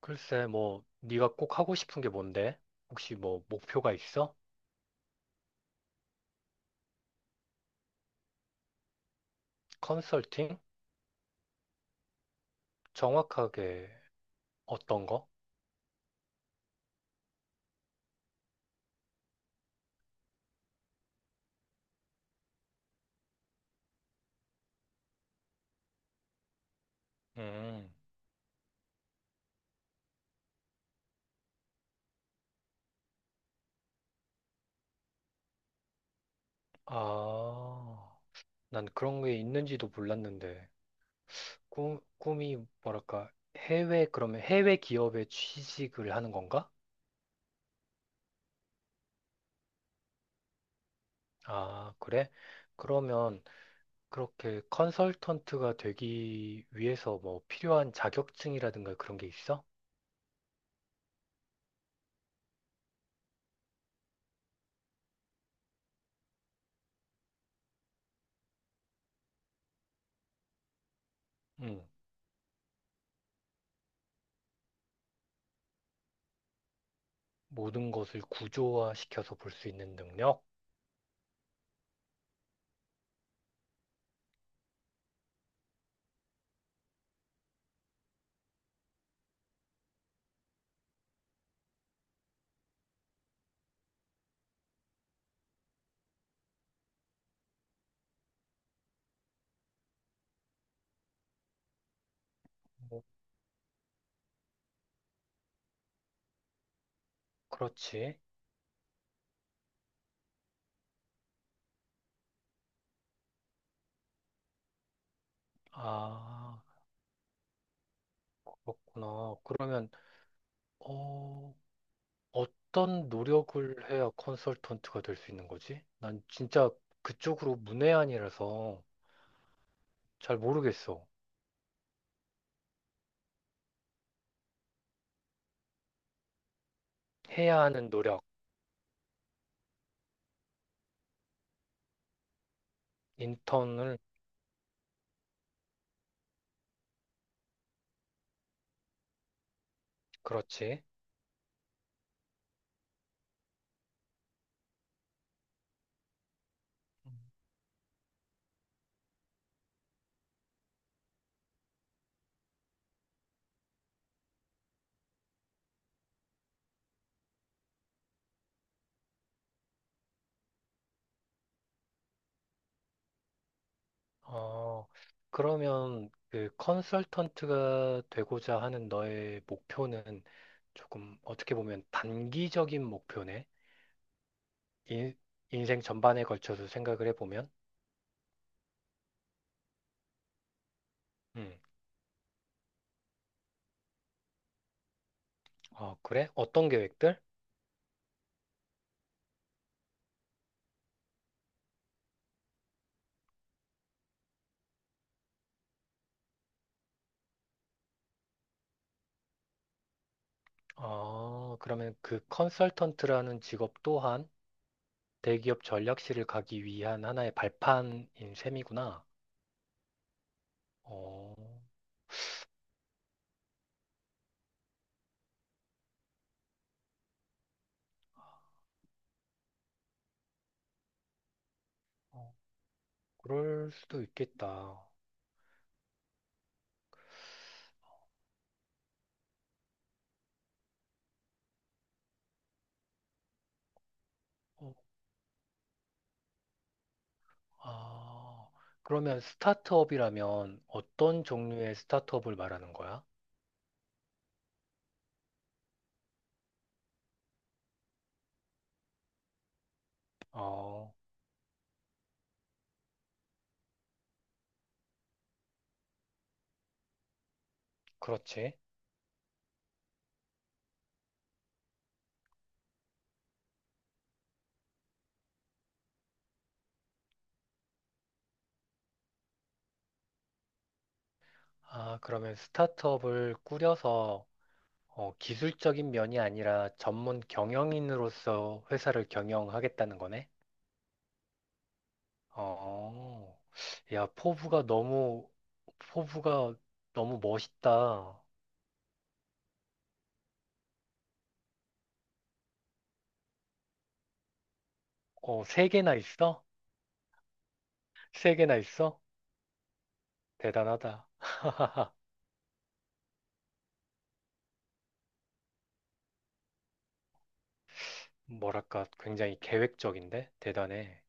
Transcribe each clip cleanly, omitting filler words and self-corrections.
글쎄, 뭐, 네가 꼭 하고 싶은 게 뭔데? 혹시 뭐, 목표가 있어? 컨설팅? 정확하게 어떤 거? 음, 아, 난 그런 게 있는지도 몰랐는데. 꿈이 뭐랄까, 해외, 그러면 해외 기업에 취직을 하는 건가? 아, 그래? 그러면 그렇게 컨설턴트가 되기 위해서 뭐 필요한 자격증이라든가 그런 게 있어? 음. 모든 것을 구조화시켜서 볼 수 있는 능력? 그렇지. 아, 그렇구나. 그러면, 어, 어떤 노력을 해야 컨설턴트가 될 수 있는 거지? 난 진짜 그쪽으로 문외한이라서 잘 모르겠어. 해야 하는 노력, 인턴을, 그렇지. 음. 어, 그러면 그 컨설턴트가 되고자 하는 너의 목표는 조금 어떻게 보면 단기적인 목표네. 인, 인생 전반에 걸쳐서 생각을 해보면. 음. 아, 그래? 어떤 계획들? 아, 그러면 그 컨설턴트라는 직업 또한 대기업 전략실을 가기 위한 하나의 발판인 셈이구나. 어, 어, 그럴 수도 있겠다. 어, 아, 그러면 스타트업이라면 어떤 종류의 스타트업을 말하는 거야? 어, 그렇지. 아, 그러면 스타트업을 꾸려서 기술적인 면이 아니라 전문 경영인으로서 회사를 경영하겠다는 거네? 어, 야, 포부가 너무 멋있다. 어, 세 개나 있어? 세 개나 있어? 대단하다. 뭐랄까, 굉장히 계획적인데? 대단해.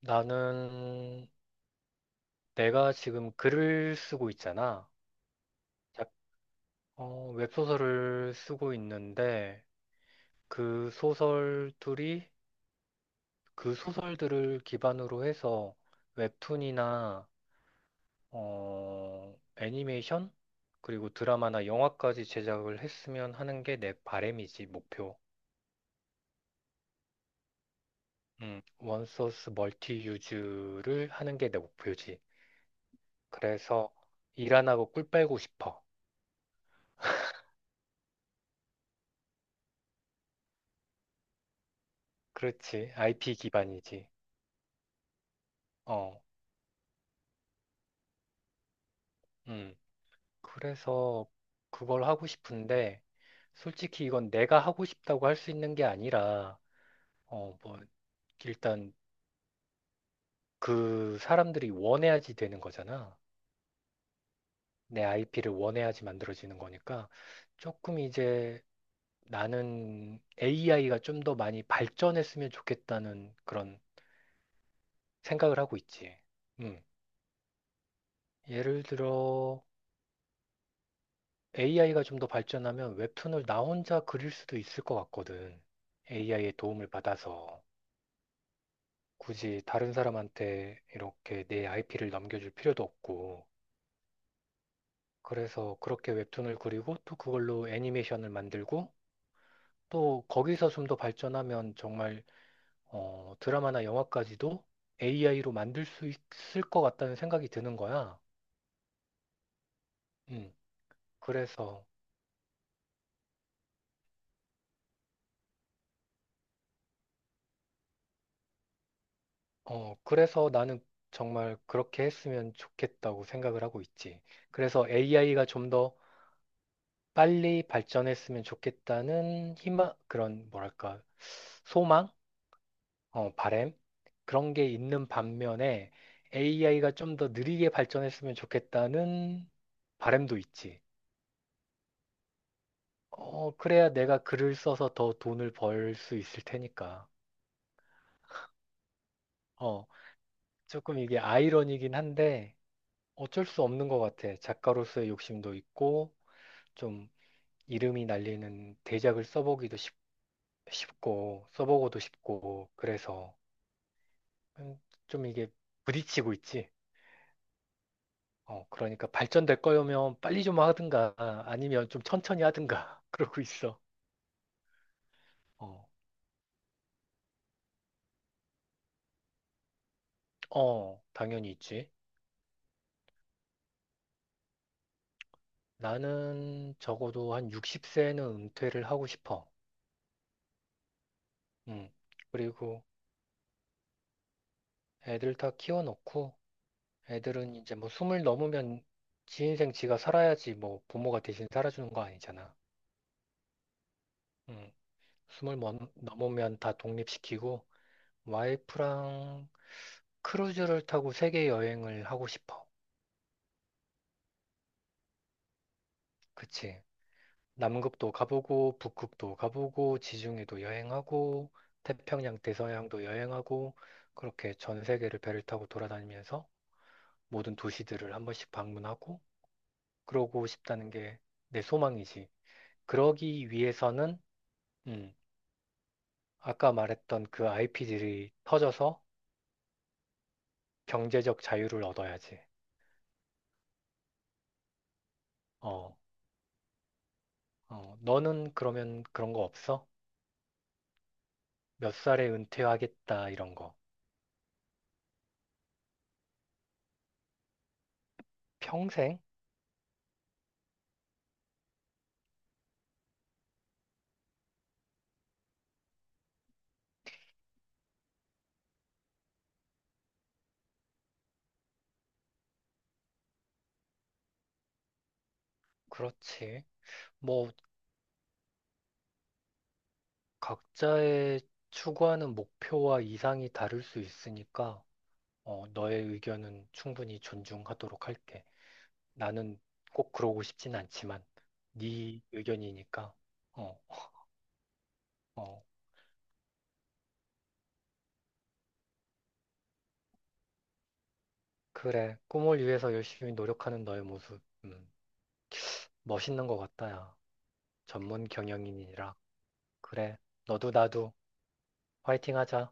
나는 내가 지금 글을 쓰고 있잖아. 작- 웹소설을 쓰고 있는데 그 소설들이 그 소설들을 기반으로 해서 웹툰이나 애니메이션? 그리고 드라마나 영화까지 제작을 했으면 하는 게 내 바램이지 목표. 원소스 멀티 유즈를 하는 게 내 목표지. 그래서 일 안 하고 꿀 빨고 싶어. 그렇지. IP 기반이지. 어, 음. 그래서 그걸 하고 싶은데, 솔직히 이건 내가 하고 싶다고 할 수 있는 게 아니라, 뭐, 일단 그 사람들이 원해야지 되는 거잖아. 내 IP를 원해야지 만들어지는 거니까 조금 이제 나는 AI가 좀 더 많이 발전했으면 좋겠다는 그런 생각을 하고 있지. 음. 예를 들어 AI가 좀 더 발전하면 웹툰을 나 혼자 그릴 수도 있을 것 같거든. AI의 도움을 받아서 굳이 다른 사람한테 이렇게 내 IP를 넘겨줄 필요도 없고. 그래서 그렇게 웹툰을 그리고 또 그걸로 애니메이션을 만들고 또 거기서 좀 더 발전하면 정말 드라마나 영화까지도 AI로 만들 수 있을 것 같다는 생각이 드는 거야. 음, 그래서, 그래서 나는 정말 그렇게 했으면 좋겠다고 생각을 하고 있지. 그래서 AI가 좀 더 빨리 발전했으면 좋겠다는 희망, 그런 뭐랄까, 소망, 바램 그런 게 있는 반면에 AI가 좀 더 느리게 발전했으면 좋겠다는 바램도 있지. 어, 그래야 내가 글을 써서 더 돈을 벌 수 있을 테니까. 어, 조금 이게 아이러니긴 한데 어쩔 수 없는 것 같아. 작가로서의 욕심도 있고, 좀 이름이 날리는 대작을 써보기도 쉽고, 써보고도 싶고, 그래서 음, 좀 이게 부딪히고 있지. 그러니까 발전될 거면 빨리 좀 하든가, 아니면 좀 천천히 하든가, 그러고 있어. 어, 어, 당연히 있지. 나는 적어도 한 60세는 은퇴를 하고 싶어. 음. 그리고 애들 다 키워놓고 애들은 이제 뭐 숨을 넘으면 지 인생 지가 살아야지 뭐 부모가 대신 살아주는 거 아니잖아. 음. 넘으면 다 독립시키고 와이프랑 크루즈를 타고 세계 여행을 하고 싶어. 그치? 남극도 가보고 북극도 가보고 지중해도 여행하고 태평양, 대서양도 여행하고 그렇게 전 세계를 배를 타고 돌아다니면서 모든 도시들을 한 번씩 방문하고 그러고 싶다는 게 내 소망이지. 그러기 위해서는 음, 아까 말했던 그 IP들이 터져서 경제적 자유를 얻어야지. 어, 어, 너는 그러면 그런 거 없어? 몇 살에 은퇴하겠다 이런 거. 평생? 그렇지. 뭐 각자의 추구하는 목표와 이상이 다를 수 있으니까 너의 의견은 충분히 존중하도록 할게. 나는 꼭 그러고 싶진 않지만 네 의견이니까 어, 어, 그래. 꿈을 위해서 열심히 노력하는 너의 모습 멋있는 것 같다, 야. 전문 경영인이라. 그래. 너도 나도 화이팅 하자.